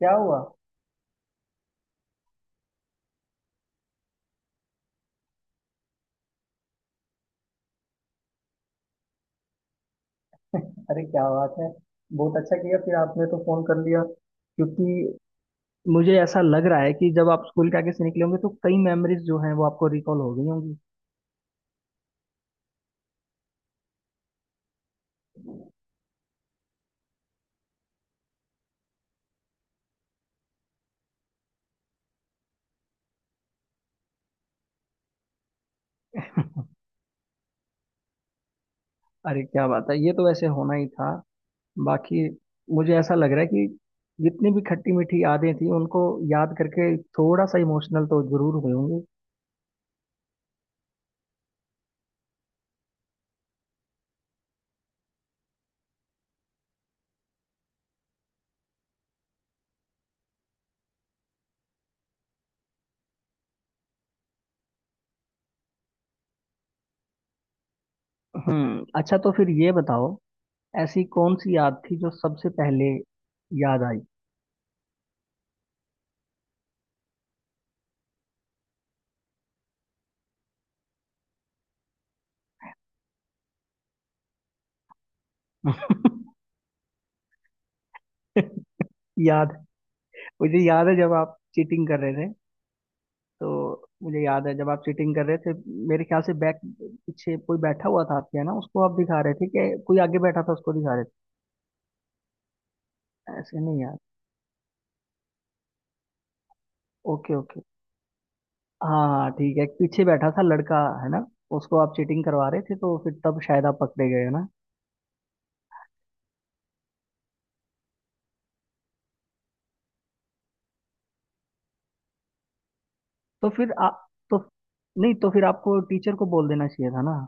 क्या हुआ। अरे क्या बात है। बहुत अच्छा किया फिर आपने तो फोन कर लिया, क्योंकि मुझे ऐसा लग रहा है कि जब आप स्कूल के आगे से निकले होंगे तो कई मेमोरीज जो हैं वो आपको रिकॉल हो गई होंगी। अरे क्या बात है, ये तो वैसे होना ही था। बाकी मुझे ऐसा लग रहा है कि जितनी भी खट्टी मीठी यादें थी उनको याद करके थोड़ा सा इमोशनल तो जरूर हुए होंगे। हम्म। अच्छा तो फिर ये बताओ, ऐसी कौन सी याद थी जो सबसे पहले याद आई? याद। मुझे याद है जब आप चीटिंग कर रहे थे, तो मुझे याद है जब आप चीटिंग कर रहे थे। मेरे ख्याल से बैक पीछे कोई बैठा हुआ था आपके, है ना? उसको आप दिखा रहे थे कि कोई आगे बैठा था उसको दिखा रहे थे, ऐसे नहीं यार। ओके ओके, हाँ हाँ ठीक है, एक पीछे बैठा था लड़का, है ना? उसको आप चीटिंग करवा रहे थे तो फिर तब शायद आप पकड़े गए, है ना? तो फिर आप तो, नहीं, तो फिर आपको टीचर को बोल देना चाहिए था ना।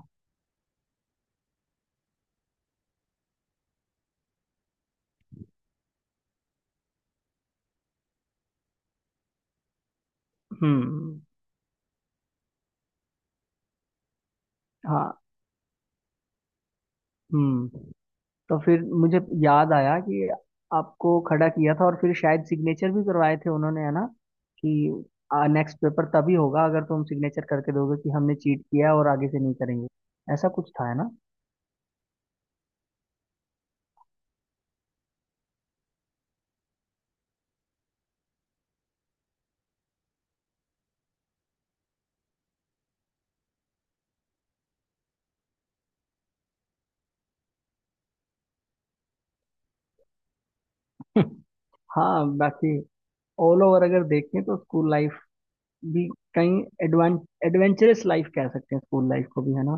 हम्म। हाँ। हम्म। तो फिर मुझे याद आया कि आपको खड़ा किया था और फिर शायद सिग्नेचर भी करवाए थे उन्होंने, है ना? कि नेक्स्ट पेपर तभी होगा अगर तुम सिग्नेचर करके दोगे कि हमने चीट किया है और आगे से नहीं करेंगे। ऐसा कुछ था, है ना? हाँ, बाकी ऑल ओवर अगर देखें तो स्कूल लाइफ भी कहीं एडवां एडवेंचरस लाइफ कह सकते हैं स्कूल लाइफ को भी, है ना?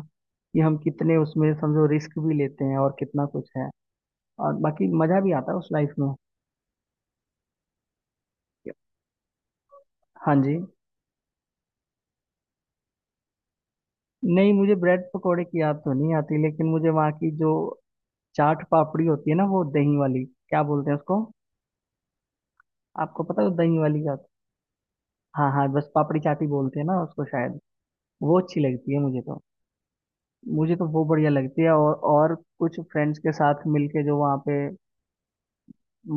कि हम कितने उसमें समझो रिस्क भी लेते हैं और कितना कुछ है, और बाकी मजा भी आता है उस लाइफ में। हाँ जी। नहीं, मुझे ब्रेड पकोड़े की याद तो नहीं आती, लेकिन मुझे वहाँ की जो चाट पापड़ी होती है ना, वो दही वाली, क्या बोलते हैं उसको? आपको पता है वो दही वाली चाट? हाँ हाँ, बस पापड़ी चाट ही बोलते हैं ना उसको शायद। वो अच्छी लगती है मुझे तो। मुझे तो वो बढ़िया लगती है। और कुछ फ्रेंड्स के साथ मिलके जो वहाँ पे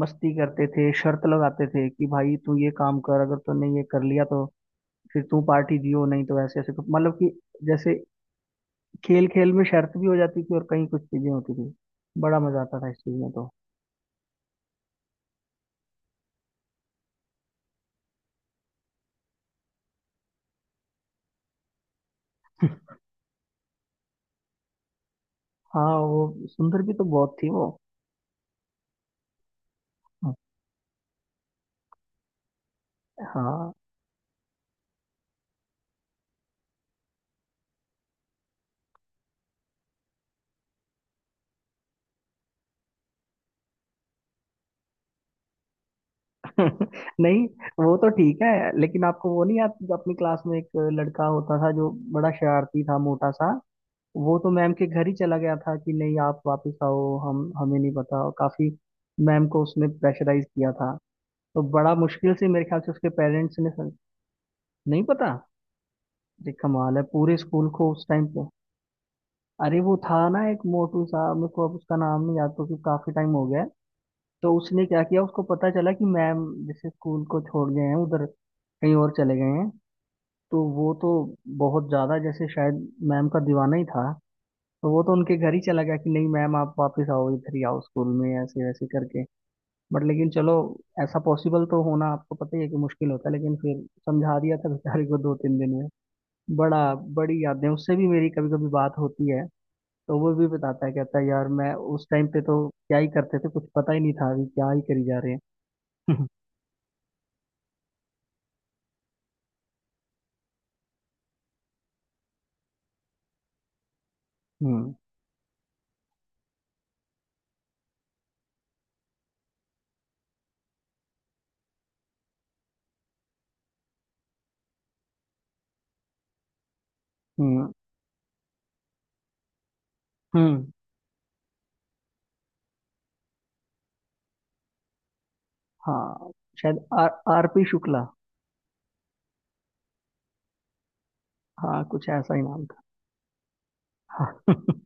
मस्ती करते थे, शर्त लगाते थे कि भाई तू ये काम कर, अगर तूने ये कर लिया तो फिर तू पार्टी दियो, नहीं तो ऐसे ऐसे मतलब कि जैसे खेल खेल में शर्त भी हो जाती थी और कहीं कुछ चीजें होती थी, बड़ा मजा आता था इस चीज में तो। हाँ वो सुंदर भी तो बहुत थी वो। हाँ। नहीं, वो तो ठीक है, लेकिन आपको वो नहीं याद जब अपनी क्लास में एक लड़का होता था जो बड़ा शरारती था, मोटा सा? वो तो मैम के घर ही चला गया था कि नहीं आप वापस आओ, हम हमें नहीं पता, और काफी मैम को उसने प्रेशराइज किया था। तो बड़ा मुश्किल से मेरे ख्याल से उसके पेरेंट्स ने नहीं पता। ये कमाल है, पूरे स्कूल को उस टाइम पे। अरे वो था ना, एक मोटू सा, मेरे को अब उसका नाम नहीं याद क्योंकि काफी टाइम हो गया है। तो उसने क्या किया, उसको पता चला कि मैम जैसे स्कूल को छोड़ गए हैं, उधर कहीं और चले गए हैं, तो वो तो बहुत ज़्यादा जैसे शायद मैम का दीवाना ही था। तो वो तो उनके घर ही चला गया कि नहीं मैम आप वापस आओ, इधर ही आओ स्कूल में, ऐसे ऐसे करके। बट लेकिन चलो, ऐसा पॉसिबल तो होना आपको पता ही है कि मुश्किल होता है, लेकिन फिर समझा दिया था बेचारे को दो तीन दिन में। बड़ा, बड़ी यादें उससे भी मेरी, कभी कभी बात होती है तो वो भी बताता है, कहता है यार, मैं उस टाइम पे तो क्या ही करते थे, कुछ पता ही नहीं था, अभी क्या ही करी जा रहे हैं। हम्म। हम्म। हम्म। हाँ शायद आर, आर पी शुक्ला। हाँ कुछ ऐसा ही नाम था। हाँ।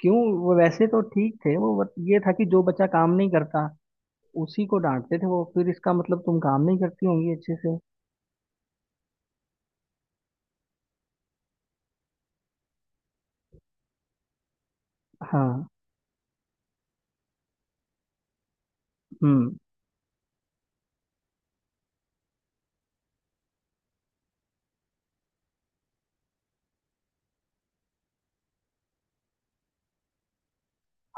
क्यों? वो वैसे तो ठीक थे वो, बट ये था कि जो बच्चा काम नहीं करता उसी को डांटते थे वो, फिर इसका मतलब तुम काम नहीं करती होंगी अच्छे से। हाँ। हम्म।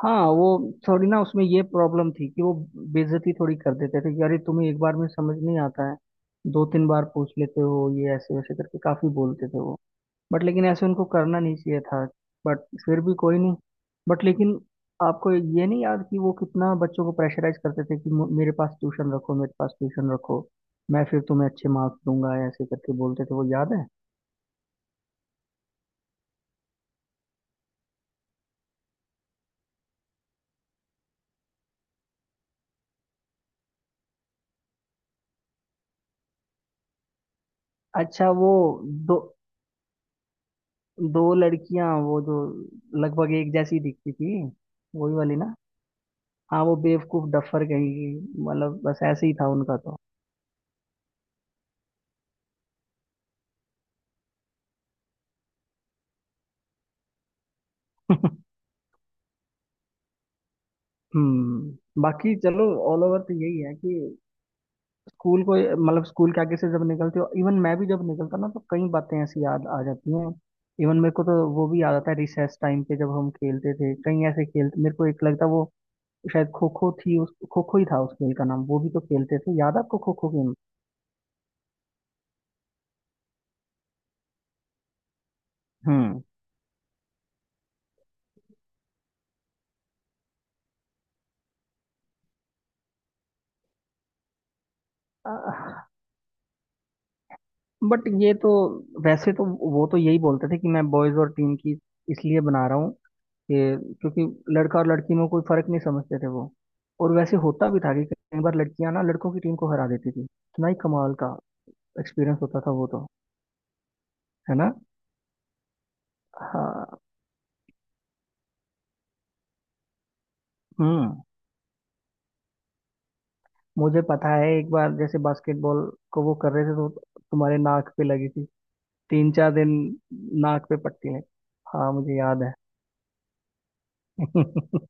हाँ वो थोड़ी ना उसमें ये प्रॉब्लम थी कि वो बेइज्जती थोड़ी कर देते थे कि अरे तुम्हें एक बार में समझ नहीं आता है, दो तीन बार पूछ लेते हो, ये ऐसे वैसे करके काफी बोलते थे वो। बट लेकिन ऐसे उनको करना नहीं चाहिए था, बट फिर भी कोई नहीं। बट लेकिन आपको ये नहीं याद कि वो कितना बच्चों को प्रेशराइज करते थे कि मेरे पास ट्यूशन रखो, मेरे पास ट्यूशन रखो, मैं फिर तुम्हें अच्छे मार्क्स दूंगा, ऐसे करके बोलते थे वो, याद है? अच्छा, वो दो, दो लड़कियां वो जो लगभग एक जैसी दिखती थी, वही वाली ना। हाँ वो बेवकूफ डफर कहेंगी, मतलब बस ऐसे ही था उनका तो। हम्म, बाकी चलो ऑल ओवर तो यही है कि स्कूल को, मतलब स्कूल के आगे से जब निकलते हो, इवन मैं भी जब निकलता ना तो कई बातें ऐसी याद आ जाती हैं। इवन मेरे को तो वो भी याद आता है रिसेस टाइम पे जब हम खेलते थे कई ऐसे खेल, मेरे को एक लगता है वो शायद खो खो थी, उस खो खो ही था उस खेल का नाम, वो भी तो खेलते थे, याद है आपको खो खो गेम? हम्म। बट ये तो, वैसे तो, वो तो यही बोलते थे कि मैं बॉयज और टीम की इसलिए बना रहा हूँ, ये क्योंकि लड़का और लड़की में कोई फर्क नहीं समझते थे वो। और वैसे होता भी था कि कई बार लड़कियां ना लड़कों की टीम को हरा देती थी, इतना ही कमाल का एक्सपीरियंस होता था वो तो। है ना? हाँ। हम्म। मुझे पता है, एक बार जैसे बास्केटबॉल को वो कर रहे थे, तो तुम्हारे नाक पे लगी थी, तीन चार दिन नाक पे पट्टी लगी। हाँ मुझे याद है।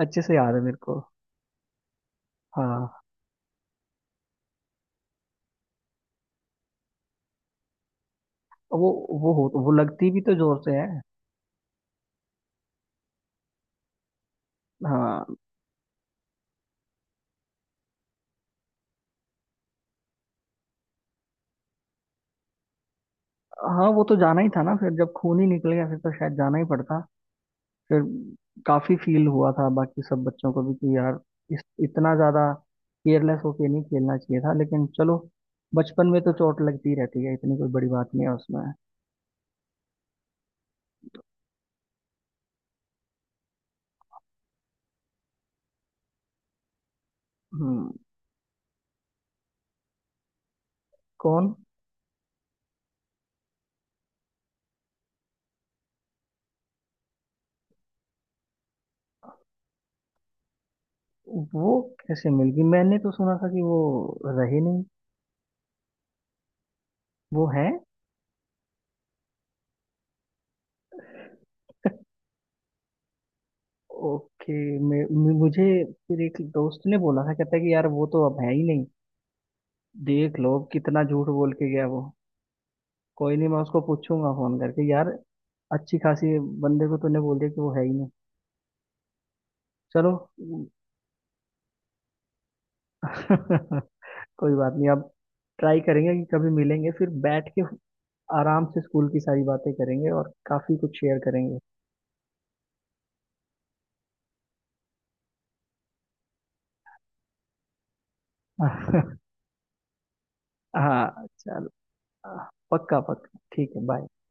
अच्छे से याद है मेरे को। हाँ वो वो हो वो लगती भी तो जोर से है। हाँ हाँ, वो तो जाना ही था ना फिर, जब खून ही निकल गया फिर तो शायद जाना ही पड़ता। फिर काफी फील हुआ था बाकी सब बच्चों को भी कि यार इस इतना ज्यादा केयरलेस होके नहीं खेलना चाहिए था, लेकिन चलो, बचपन में तो चोट लगती रहती है, इतनी कोई बड़ी बात नहीं है उसमें। हम्म। कौन? वो कैसे मिल गई, मैंने तो सुना था कि वो रहे नहीं। वो है? ओके। मुझे फिर एक दोस्त ने बोला था, कहता है कि यार वो तो अब है ही नहीं। देख लो कितना झूठ बोल के गया वो। कोई नहीं, मैं उसको पूछूंगा फोन करके, यार अच्छी खासी बंदे को तूने बोल दिया कि वो है ही नहीं। चलो। कोई बात नहीं अब, ट्राई करेंगे कि कभी मिलेंगे, फिर बैठ के आराम से स्कूल की सारी बातें करेंगे और काफी कुछ शेयर करेंगे। हाँ चलो। हाँ, पक्का पक्का ठीक है, बाय।